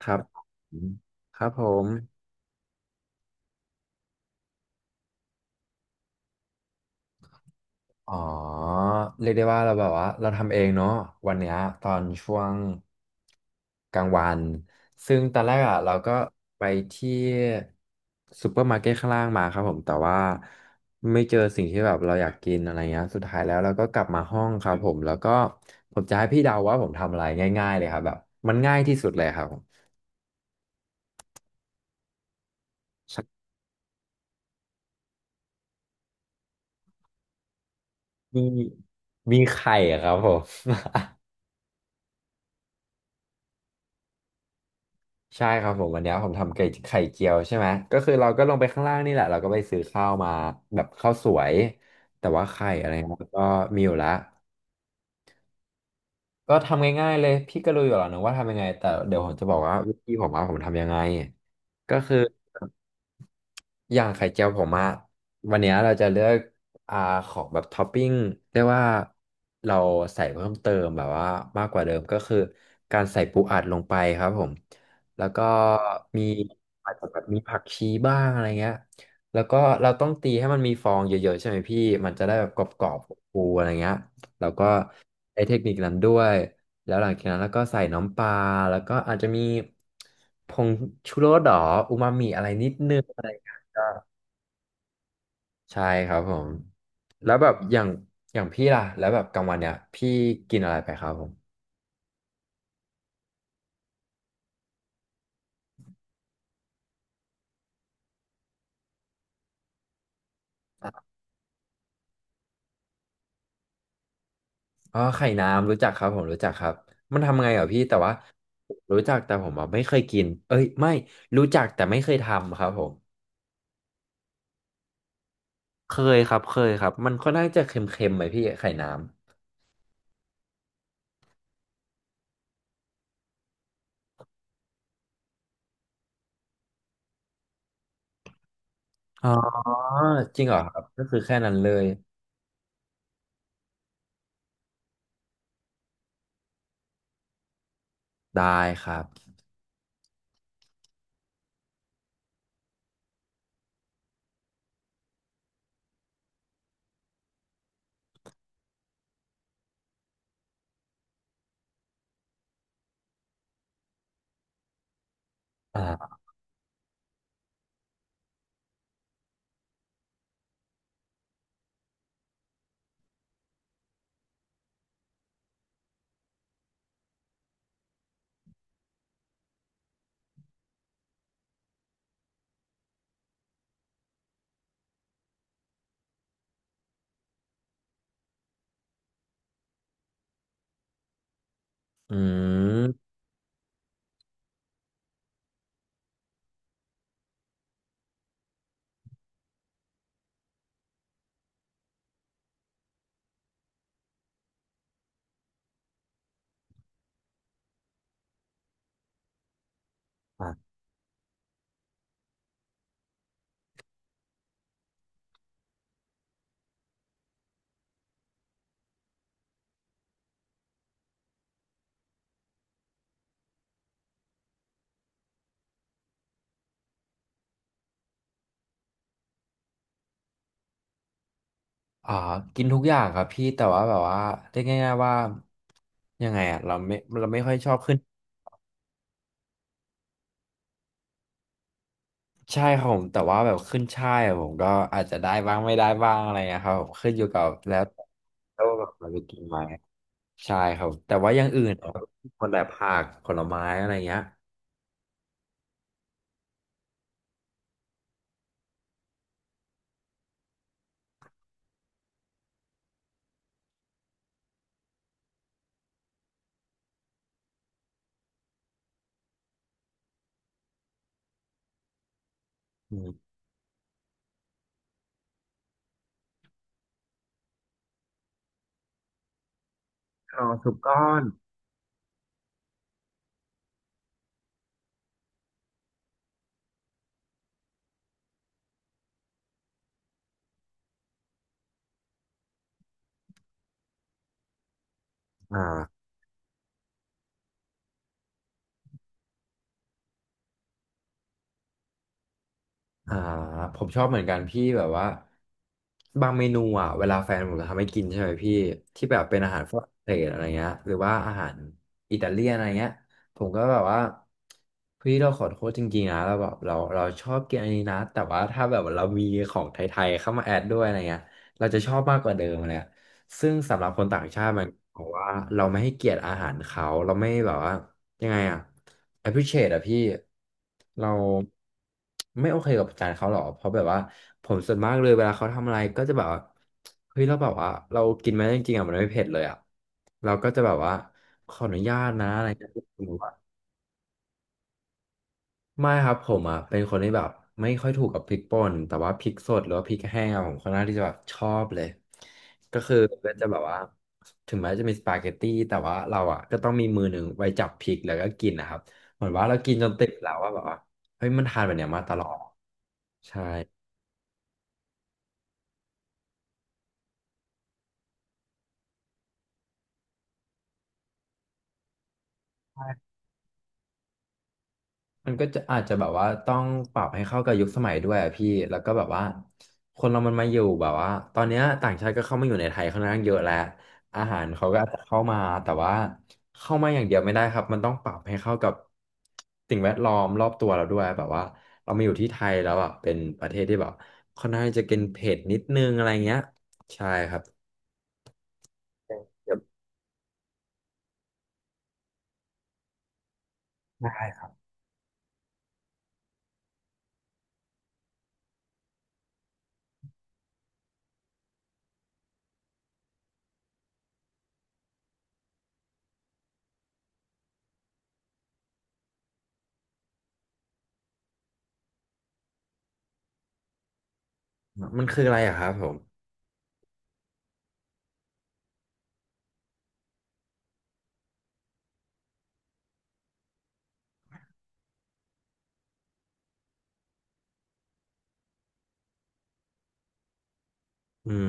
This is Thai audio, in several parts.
ครับผมครับผมอ๋อเรียกได้ว่าเราแบบว่าเราทำเองเนาะวันเนี้ยตอนช่วงกลางวัน ซึ่งตอนแรกอ่ะเราก็ไปที่ซูเปอร์มาร์เก็ตข้างล่างมาครับผมแต่ว่าไม่เจอสิ่งที่แบบเราอยากกินอะไรเงี้ยสุดท้ายแล้วเราก็กลับมาห้องครับผม แล้วก็ผมจะให้พี่เดาว่าผมทำอะไรง่ายๆเลยครับแบบมันง่ายที่สุดเลยครับผมมีมีไข่อะครับผม ใช่ครับผมวันเนี้ยผมทำไก่ไข่เจียวใช่ไหมก็คือเราก็ลงไปข้างล่างนี่แหละเราก็ไปซื้อข้าวมาแบบข้าวสวยแต่ว่าไข่อะไรเงี้ยก็มีอยู่ละก็ทำง่ายๆเลยพี่ก็รู้อยู่แล้วนะว่าทำยังไงแต่เดี๋ยวผมจะบอกว่าวิธีผมว่าผมทำยังไงก็คือ อย่างไข่เจียวผมอะวันเนี้ยเราจะเลือกอ่าของแบบท็อปปิ้งเรียกว่าเราใส่เพิ่มเติมแบบว่ามากกว่าเดิมก็คือการใส่ปูอัดลงไปครับผมแล้วก็มีอาจจะแบบมีผักชีบ้างอะไรเงี้ยแล้วก็เราต้องตีให้มันมีฟองเยอะๆใช่ไหมพี่มันจะได้แบบกรอบๆฟูๆอะไรเงี้ยแล้วก็ใช้เทคนิคนั้นด้วยแล้วหลังจากนั้นแล้วก็ใส่น้ำปลาแล้วก็อาจจะมีผงชูรสหรออูมามิอะไรนิดนึง ใช่ครับผมแล้วแบบอย่างอย่างพี่ล่ะแล้วแบบกลางวันเนี่ยพี่กินอะไรไปครับผมไข่น้ำรู้จักครับผมรู้จักครับมันทำไงเหรอพี่แต่ว่ารู้จักแต่ผมอะไม่เคยกินเอ้ยไม่รู้จักแต่ไม่เคยทำครับผมเคยครับเคยครับมันค่อนข้างจะเค็มๆไหมพี่ไข่น้ำจริงเหรอครับก็คือแค่นั้นเลยได้ครับอ่าอืม อ่ากินทุกอย่างครับพี่แต่ว่าแบบว่าเรียกง่ายๆว่ายังไงอ่ะเราไม่ค่อยชอบขึ้นใช่ครับผมแต่ว่าแบบขึ้นช่ายอะผมก็อาจจะได้บ้างไม่ได้บ้างอะไรเงี้ยครับผมขึ้นอยู่กับแล้วแล้วาแบบเราไปกินไหมใช่ครับแต่ว่าอย่างอื่นอะคนแต่ผักผลไม้อะไรเงี้ยอืมข้าวสุกก้อนอ่า อ่าผมชอบเหมือนกันพี่แบบว่าบางเมนูอ่ะเวลาแฟนผมทำให้กินใช่ไหมพี่ที่แบบเป็นอาหารฝรั่งเศสอะไรเงี้ยหรือว่าอาหารอิตาเลียนอะไรเงี้ยผมก็แบบว่าพี่เราขอโทษจริงๆนะเราแบบเราเราชอบกินอันนี้นะแต่ว่าถ้าแบบเรามีของไทยๆเข้ามาแอดด้วยอะไรเงี้ยเราจะชอบมากกว่าเดิมเลย ซึ่งสำหรับคนต่างชาติมันบอกว่าเราไม่ให้เกียรติอาหารเขาเราไม่แบบว่ายังไงอะ appreciate อะพี่เราไม่โอเคกับจานเขาหรอเพราะแบบว่าผมส่วนมากเลยเวลาเขาทำอะไรก็จะแบบว่าเฮ้ยเราแบบว่าเรากินไหมจริงๆอะมันไม่เผ็ดเลยอะเราก็จะแบบว่าขออนุญาตนะอะไรเงี้ย ไม่ครับผมอ่ะเป็นคนที่แบบไม่ค่อยถูกกับพริกป่นแต่ว่าพริกสดหรือว่าพริกแห้งอะผมค่อนข้างที่จะแบบชอบเลยก็คือก็จะแบบว่าถึงแม้จะมีสปาเกตตี้แต่ว่าเราอ่ะก็ต้องมีมือหนึ่งไว้จับพริกแล้วก็กินนะครับเหมือนว่าเรากินจนติดแล้วว่าแบบว่าเฮ้ยมันทานแบบเนี้ยมาตลอดใช่ มันก็จะอาจจะแบบว่าต้องปรับให้เข้ากับยุคสมัยด้วยอะพี่แล้วก็แบบว่าคนเรามันมาอยู่แบบว่าตอนเนี้ยต่างชาติก็เข้ามาอยู่ในไทยค่อนข้างเยอะแล้วอาหารเขาก็อาจจะเข้ามาแต่ว่าเข้ามาอย่างเดียวไม่ได้ครับมันต้องปรับให้เข้ากับสิ่งแวดล้อมรอบตัวเราด้วยแบบว่าเรามาอยู่ที่ไทยแล้วอ่ะเป็นประเทศที่แบบค่อนข้างจะกินเผ็ดนิดนึงอะไรเงี้ยใช่ครับได้ครับมันคืออะไรอะครับผมอืม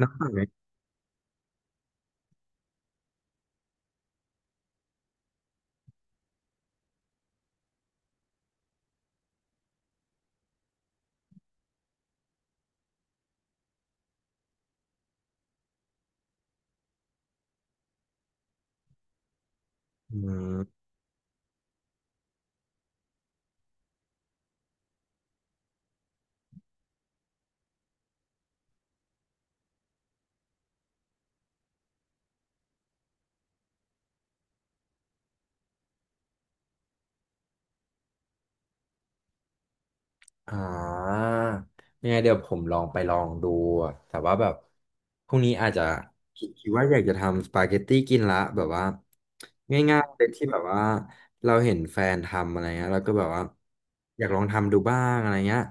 น้ำตาลไหมอืม อ่ายังไงเดี๋ยวผมลองไปลองดูแต่ว่าแบบพรุ่งนี้อาจจะคิดว่าอยากจะทำสปาเกตตี้กินละแบบว่าง่ายๆเลยที่แบบว่าเราเห็นแฟนทำอะไรเงี้ยเราก็แบบว่าอยากลองทำดูบ้างอะไรเงี้ย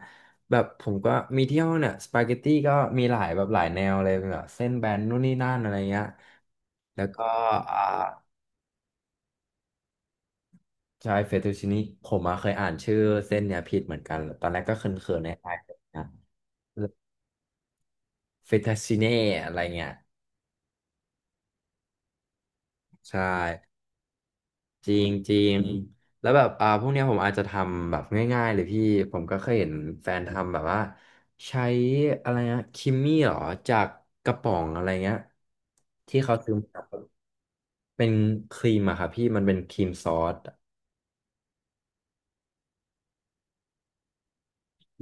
แบบผมก็มีเที่ยวเนี่ยสปาเกตตี้ก็มีหลายแบบหลายแนวเลยแบบเส้นแบนนู่นนี่นั่นอะไรเงี้ยแล้วก็อ่าใช่เฟตตูชินี่ผมอะเคยอ่านชื่อเส้นเนี่ยผิดเหมือนกันตอนแรกก็เขินๆในไทยนะ เฟต t ชิเน่อะไรเงี้ยใช่จริงจริงแล้วแบบพวกเนี้ยผมอาจจะทำแบบง่ายๆเลยพี่ผมก็เคยเห็นแฟนทำแบบว่าใช้อะไรนะคิมมี่หรอจากกระป๋องอะไรเงี้ยที่เขาซื้อมาเป็นครีมอะครับพี่มันเป็นครีมซอส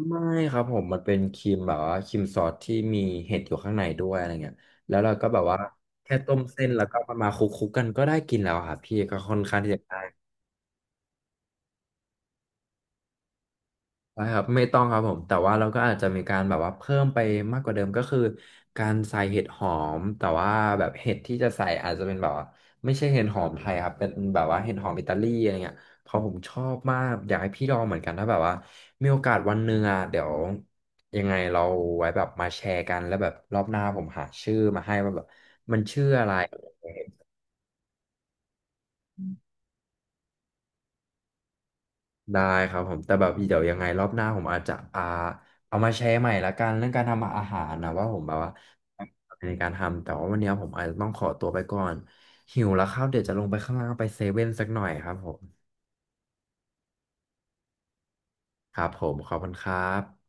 ไม่ครับผมมันเป็นครีมแบบว่าครีมซอสที่มีเห็ดอยู่ข้างในด้วยอะไรเงี้ยแล้วเราก็แบบว่าแค่ต้มเส้นแล้วก็มาคลุกๆกันก็ได้กินแล้วอะครับพี่ก็ค่อนข้างที่จะ ได้ครับไม่ต้องครับผมแต่ว่าเราก็อาจจะมีการแบบว่าเพิ่มไปมากกว่าเดิมก็คือการใส่เห็ดหอมแต่ว่าแบบเห็ดที่จะใส่อาจจะเป็นแบบว่าไม่ใช่เห็ดหอมไทยครับเป็นแบบว่าเห็ดหอมอิตาลีอะไรเงี้ยเพราะผมชอบมากอยากให้พี่ลองเหมือนกันถ้าแบบว่ามีโอกาสวันหนึ่งอ่ะเดี๋ยวยังไงเราไว้แบบมาแชร์กันแล้วแบบรอบหน้าผมหาชื่อมาให้ว่าแบบมันชื่ออะไร ได้ครับผมแต่แบบเดี๋ยวยังไงรอบหน้าผมอาจจะเอามาแชร์ใหม่ละกันเรื่องการทำอาหารนะว่าผมแบบว่าในการทำแต่ว่าวันนี้ผมอาจจะต้องขอตัวไปก่อนหิวแล้วครับเดี๋ยวจะลงไปข้างล่างไปเซเว่นสักหน่อยครับผมครับผมขอบคุณครับ